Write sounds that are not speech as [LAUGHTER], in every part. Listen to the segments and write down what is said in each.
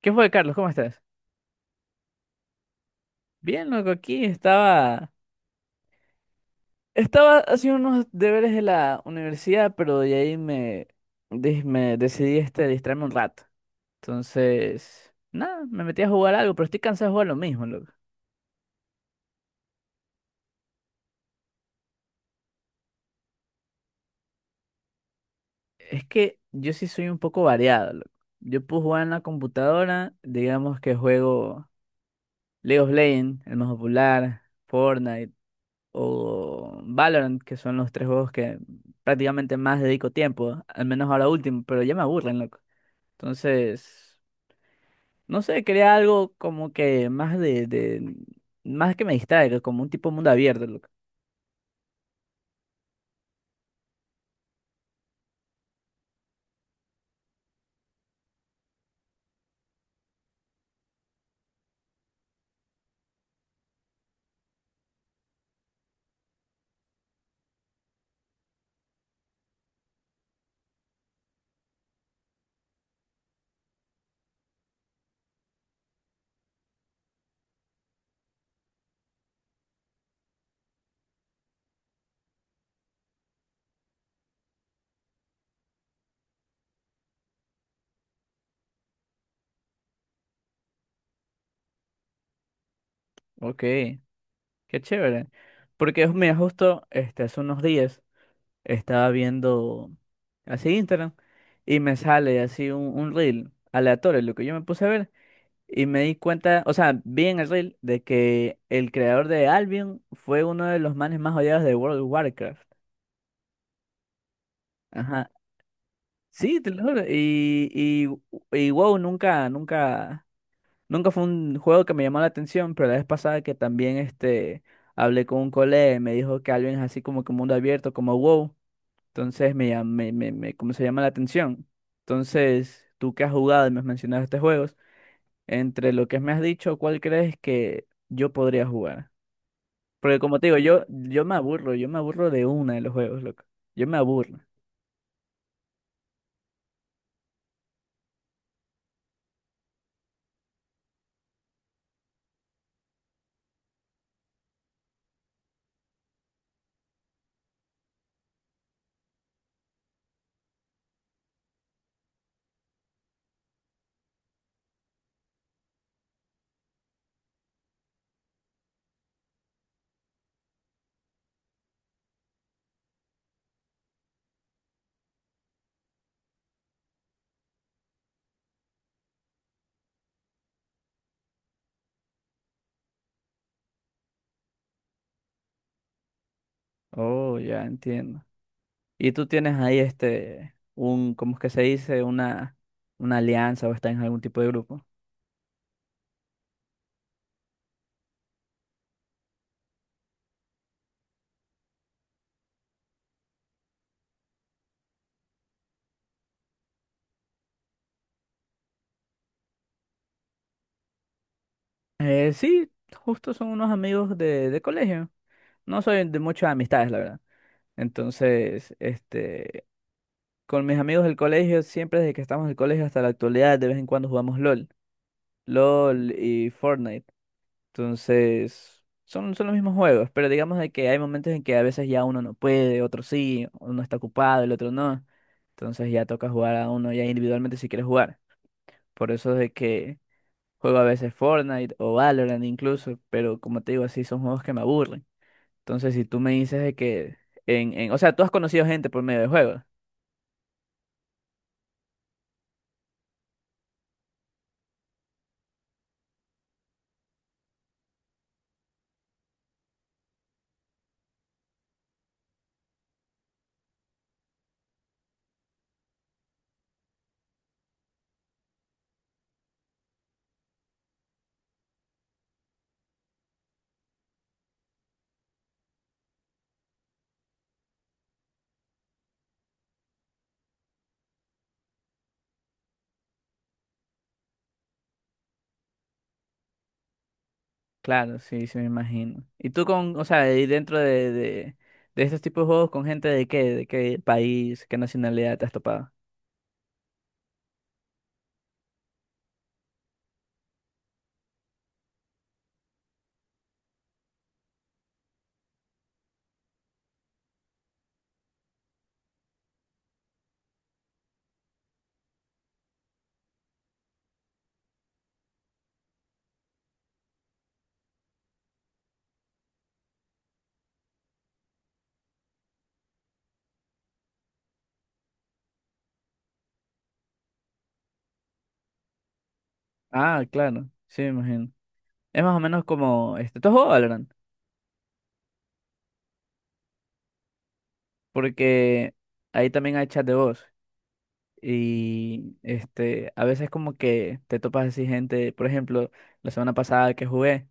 ¿Qué fue, Carlos? ¿Cómo estás? Bien, loco, aquí estaba. Estaba haciendo unos deberes de la universidad, pero de ahí me decidí distraerme un rato. Entonces, nada, me metí a jugar algo, pero estoy cansado de jugar lo mismo, loco. Es que yo sí soy un poco variado, loco. Yo puedo jugar en la computadora, digamos que juego League of Legends, el más popular, Fortnite o Valorant, que son los tres juegos que prácticamente más dedico tiempo, al menos ahora último, pero ya me aburren, loco. Entonces, no sé, quería algo como que más más que me distraiga, como un tipo mundo abierto, loco. Ok, qué chévere. Porque mira, justo hace unos días estaba viendo así Instagram y me sale así un reel aleatorio, lo que yo me puse a ver. Y me di cuenta, o sea, vi en el reel de que el creador de Albion fue uno de los manes más odiados de World of Warcraft. Ajá. Sí, te lo juro. Y wow, nunca, nunca, nunca fue un juego que me llamó la atención, pero la vez pasada que también hablé con un colega y me dijo que alguien es así como que mundo abierto, como wow, entonces me, llam- me- como se llama la atención. Entonces, tú que has jugado y me has mencionado estos juegos, entre lo que me has dicho, ¿cuál crees que yo podría jugar? Porque como te digo, yo me aburro, yo me aburro de una de los juegos, loco. Yo me aburro. Oh, ya entiendo. Y tú tienes ahí un, ¿cómo es que se dice? Una alianza o estás en algún tipo de grupo. Sí, justo son unos amigos de colegio. No soy de muchas amistades, la verdad. Entonces, este, con mis amigos del colegio, siempre desde que estamos en el colegio hasta la actualidad, de vez en cuando jugamos LOL, LOL y Fortnite. Entonces, son los mismos juegos, pero digamos de que hay momentos en que a veces ya uno no puede, otro sí, uno está ocupado, el otro no. Entonces ya toca jugar a uno ya individualmente si quiere jugar. Por eso es de que juego a veces Fortnite o Valorant incluso, pero como te digo, así son juegos que me aburren. Entonces, si tú me dices de que en, o sea, tú has conocido gente por medio de juegos. Claro, sí, sí me imagino. Y tú con, o sea, y dentro de estos tipos de juegos con gente de qué país, qué nacionalidad te has topado. Ah, claro, sí, me imagino. Es más o menos como tú has jugado Valorant, porque ahí también hay chat de voz y a veces como que te topas así gente, por ejemplo, la semana pasada que jugué,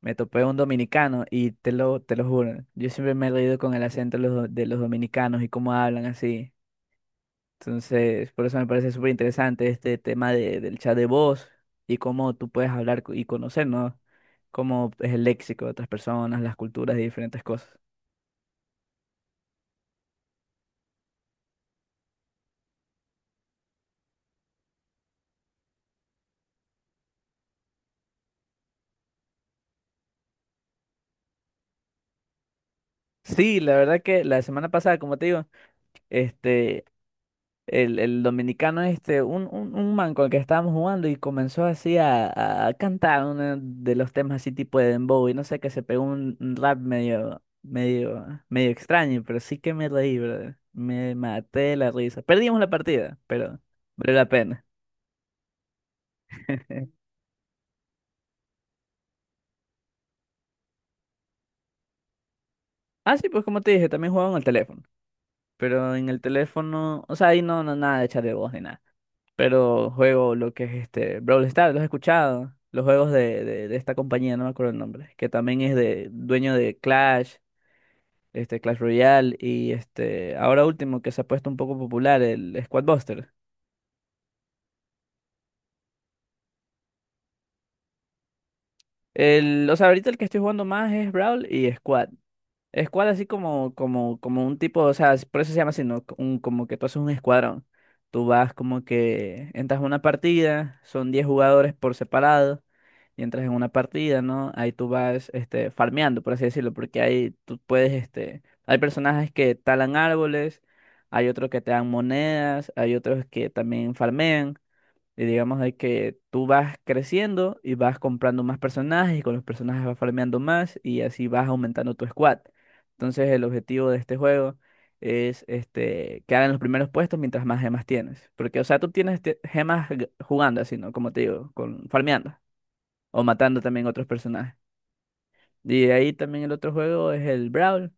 me topé un dominicano y te lo juro, yo siempre me he reído con el acento de de los dominicanos y cómo hablan así. Entonces, por eso me parece súper interesante este tema del chat de voz y cómo tú puedes hablar y conocer, ¿no? Cómo es el léxico de otras personas, las culturas y diferentes cosas. Sí, la verdad que la semana pasada, como te digo, este, el dominicano este, un man con el que estábamos jugando y comenzó así a cantar uno de los temas así tipo de dembow y no sé, que se pegó un rap medio, medio, medio extraño, pero sí que me reí, brother. Me maté de la risa. Perdimos la partida, pero valió la pena. [LAUGHS] Ah, sí, pues como te dije, también jugaba en el teléfono, pero en el teléfono, o sea, ahí no, no, nada de chat de voz ni nada, pero juego lo que es este Brawl Stars, ¿lo has escuchado? Los juegos de esta compañía, no me acuerdo el nombre, que también es de dueño de Clash, este Clash Royale y este ahora último que se ha puesto un poco popular, el Squad Buster. El, o sea, ahorita el que estoy jugando más es Brawl y Squad. Squad así como un tipo, o sea, por eso se llama así, ¿no? Como que tú haces un escuadrón. Tú vas como que entras a una partida, son 10 jugadores por separado y entras en una partida, ¿no? Ahí tú vas, farmeando, por así decirlo, porque ahí tú puedes, hay personajes que talan árboles, hay otros que te dan monedas, hay otros que también farmean, y digamos de que tú vas creciendo y vas comprando más personajes, y con los personajes vas farmeando más, y así vas aumentando tu squad. Entonces el objetivo de este juego es quedar en los primeros puestos mientras más gemas tienes. Porque, o sea, tú tienes gemas jugando así, ¿no? Como te digo, con, farmeando. O matando también otros personajes. Y de ahí también el otro juego es el Brawl.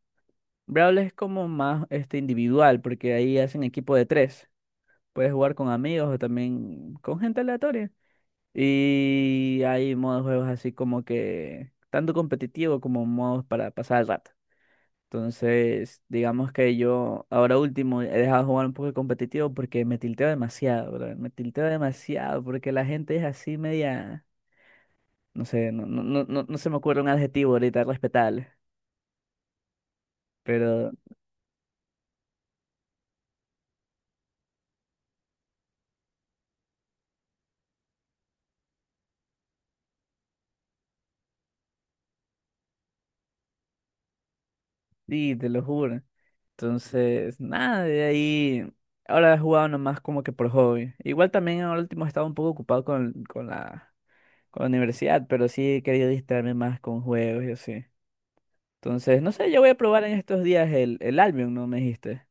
Brawl es como más individual, porque ahí hacen equipo de tres. Puedes jugar con amigos o también con gente aleatoria. Y hay modos de juegos así como que tanto competitivo como modos para pasar el rato. Entonces, digamos que yo ahora último he dejado de jugar un poco de competitivo porque me tilteo demasiado, brother. Me tilteo demasiado porque la gente es así media. No sé, no, no, no, no no se me ocurre un adjetivo ahorita respetable, pero sí, te lo juro. Entonces, nada, de ahí. Ahora he jugado nomás como que por hobby. Igual también ahora último he estado un poco ocupado con la universidad, pero sí he querido distraerme más con juegos y así. Entonces, no sé, yo voy a probar en estos días el Albion, ¿no? Me dijiste.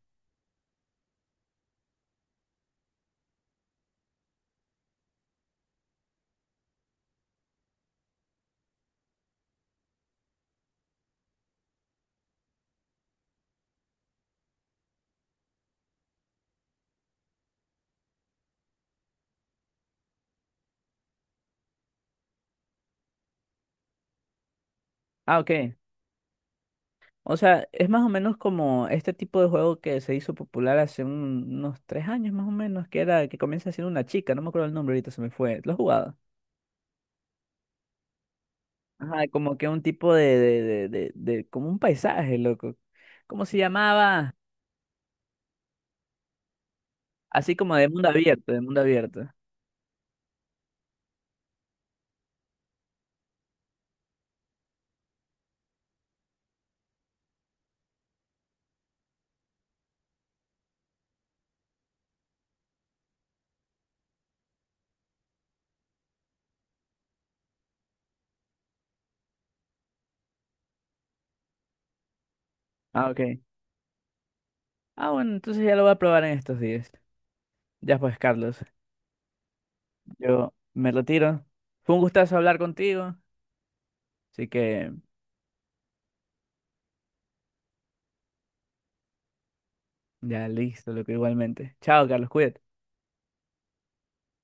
Ah, ok. O sea, es más o menos como este tipo de juego que se hizo popular hace unos 3 años más o menos, que era que comienza siendo una chica, no me acuerdo el nombre ahorita, se me fue. ¿Lo has jugado? Ajá, como que un tipo de como un paisaje, loco. ¿Cómo se llamaba? Así como de mundo abierto, de mundo abierto. Ah, ok. Ah, bueno, entonces ya lo voy a probar en estos días. Ya pues, Carlos, yo me retiro. Fue un gustazo hablar contigo, así que ya listo, loco, igualmente. Chao, Carlos, cuídate.